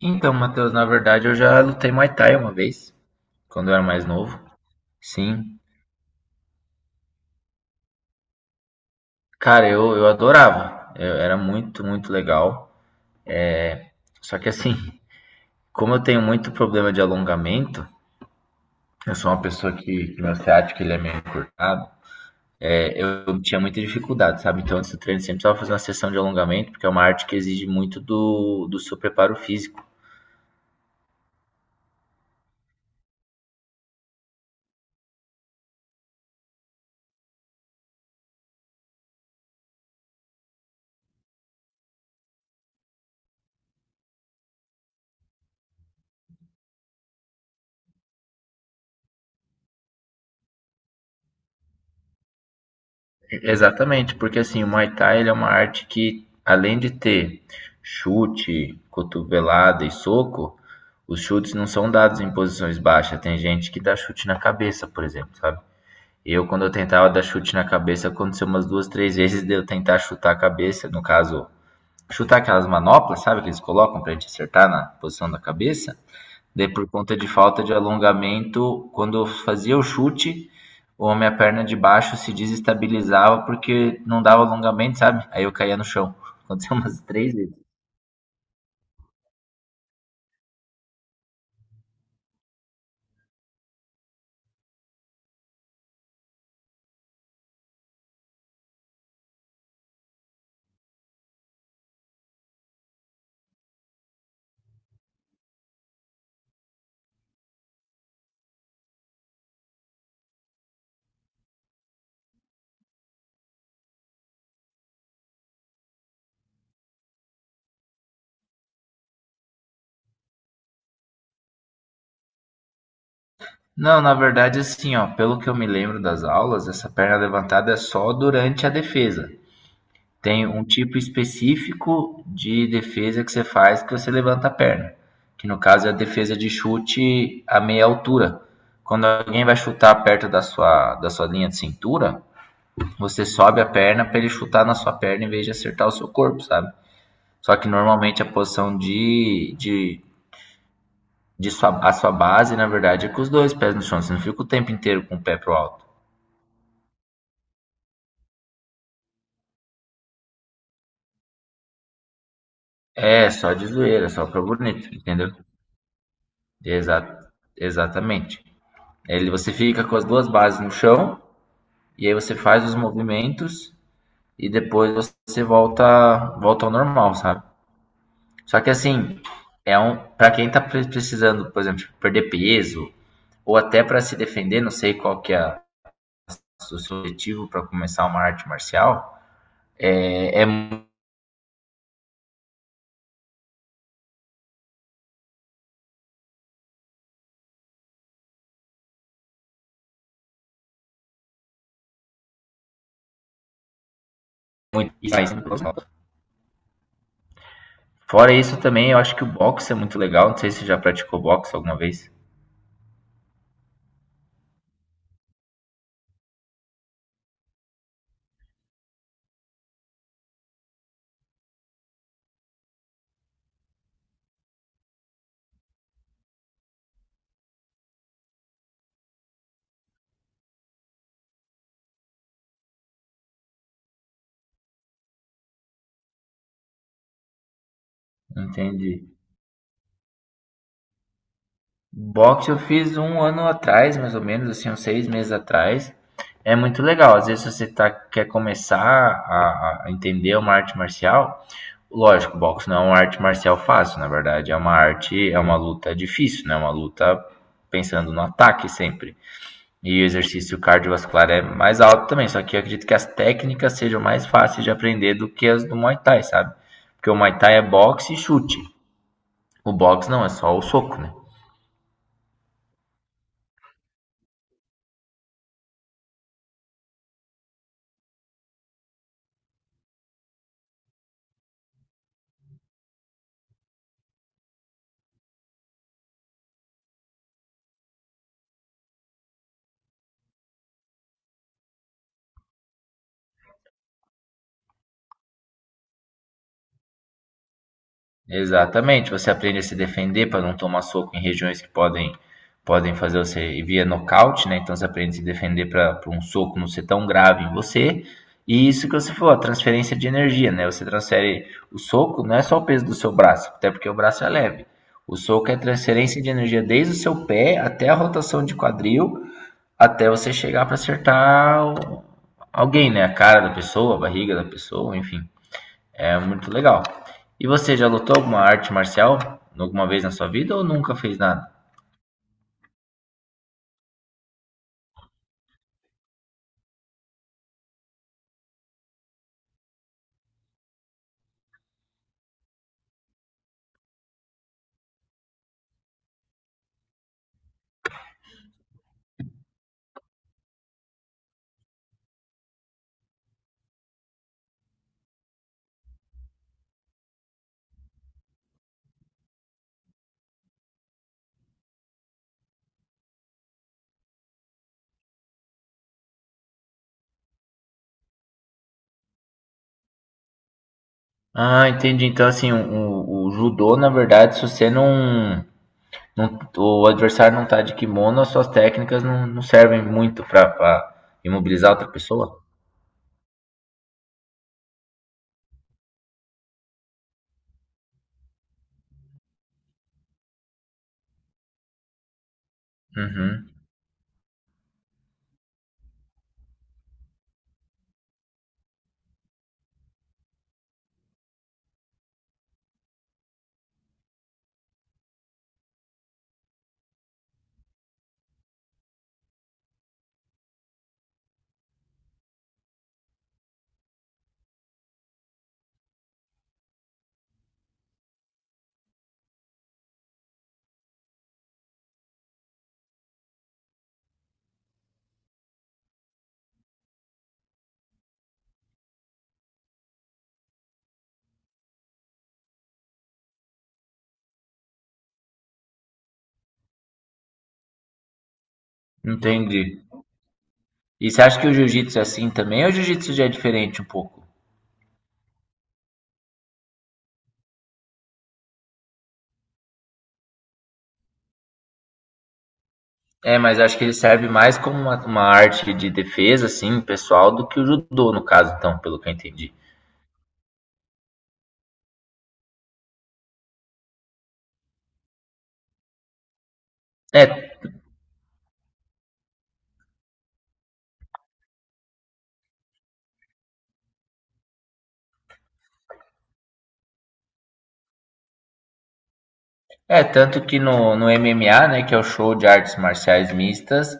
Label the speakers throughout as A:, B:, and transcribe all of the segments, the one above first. A: Então, Matheus, na verdade eu já lutei Muay Thai uma vez, quando eu era mais novo. Sim. Cara, eu adorava. Era muito, muito legal. Só que assim, como eu tenho muito problema de alongamento, eu sou uma pessoa que meu ciático ele é meio encurtado, eu tinha muita dificuldade, sabe? Então antes do treino sempre precisava fazer uma sessão de alongamento, porque é uma arte que exige muito do seu preparo físico. Exatamente, porque assim, o Muay Thai ele é uma arte que, além de ter chute, cotovelada e soco, os chutes não são dados em posições baixas. Tem gente que dá chute na cabeça, por exemplo, sabe? Eu, quando eu tentava dar chute na cabeça, aconteceu umas duas, três vezes de eu tentar chutar a cabeça, no caso, chutar aquelas manoplas, sabe, que eles colocam pra gente acertar na posição da cabeça. Daí, por conta de falta de alongamento, quando eu fazia o chute, ou a minha perna de baixo se desestabilizava porque não dava alongamento, sabe? Aí eu caía no chão. Aconteceu umas três vezes. Não, na verdade, assim, ó, pelo que eu me lembro das aulas, essa perna levantada é só durante a defesa. Tem um tipo específico de defesa que você faz que você levanta a perna, que no caso é a defesa de chute a meia altura. Quando alguém vai chutar perto da sua linha de cintura, você sobe a perna para ele chutar na sua perna em vez de acertar o seu corpo, sabe? Só que normalmente a posição de a sua base, na verdade, é com os dois pés no chão. Você não fica o tempo inteiro com o pé pro alto. É, só de zoeira, só pra bonito, entendeu? Exa Exatamente. Ele, você fica com as duas bases no chão, e aí você faz os movimentos, e depois você volta, volta ao normal, sabe? Só que assim, é um, pra quem tá precisando, por exemplo, perder peso, ou até para se defender, não sei qual que é o seu objetivo para começar uma arte marcial, é, é Fora isso também, eu acho que o boxe é muito legal. Não sei se você já praticou boxe alguma vez. Entendi. Boxe eu fiz um ano atrás, mais ou menos, assim, uns seis meses atrás. É muito legal. Às vezes você tá, quer começar a entender uma arte marcial. Lógico, boxe não é uma arte marcial fácil, na verdade. É uma arte, é uma luta difícil, né? É uma luta pensando no ataque sempre. E o exercício cardiovascular é mais alto também, só que eu acredito que as técnicas sejam mais fáceis de aprender do que as do Muay Thai, sabe? Porque o Muay Thai é boxe e chute. O boxe não, é só o soco, né? Exatamente, você aprende a se defender para não tomar soco em regiões que podem fazer você via nocaute, né? Então você aprende a se defender para um soco não ser tão grave em você. E isso que você falou, a transferência de energia, né? Você transfere o soco, não é só o peso do seu braço, até porque o braço é leve. O soco é transferência de energia desde o seu pé até a rotação de quadril, até você chegar para acertar alguém, né? A cara da pessoa, a barriga da pessoa, enfim. É muito legal. E você já lutou alguma arte marcial alguma vez na sua vida ou nunca fez nada? Ah, entendi. Então, assim, o judô, na verdade, se você não, o adversário não tá de kimono, as suas técnicas não, não servem muito para imobilizar outra pessoa? Uhum, entendi. E você acha que o jiu-jitsu é assim também ou o jiu-jitsu já é diferente um pouco? É, mas acho que ele serve mais como uma arte de defesa, assim, pessoal, do que o judô, no caso, então, pelo que eu entendi. É, tanto que no, no MMA, né, que é o show de artes marciais mistas,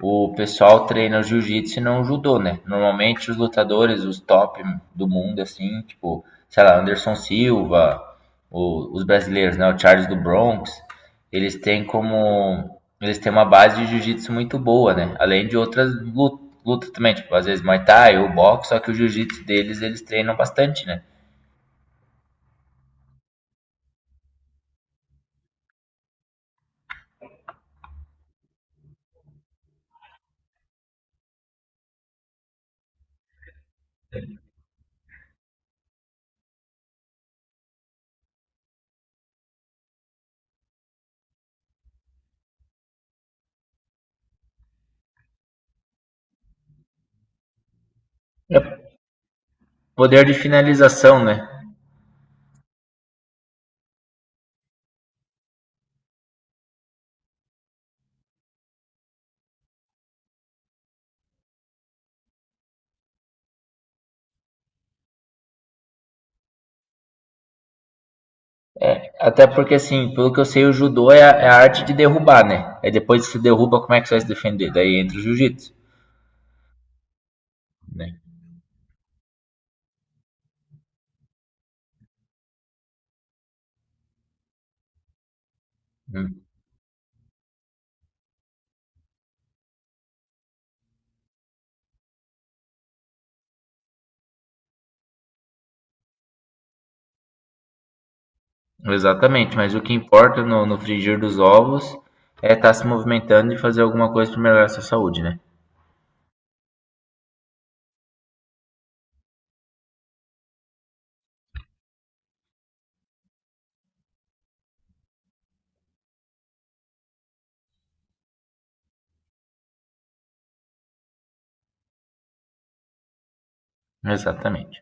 A: o pessoal treina o jiu-jitsu e não o judô, né? Normalmente os lutadores, os top do mundo, assim, tipo, sei lá, Anderson Silva, os brasileiros, né, o Charles do Bronx, eles têm como... Eles têm uma base de jiu-jitsu muito boa, né? Além de outras lutas, lutas também, tipo, às vezes Muay Thai ou boxe, só que o jiu-jitsu deles, eles treinam bastante, né? É poder de finalização, né? Até porque, assim, pelo que eu sei, o judô é a, é a arte de derrubar, né? É depois que se derruba, como é que você vai se defender? Daí entra o jiu-jitsu, né? Hum. Exatamente, mas o que importa no frigir dos ovos é estar se movimentando e fazer alguma coisa para melhorar a sua saúde, né? Exatamente.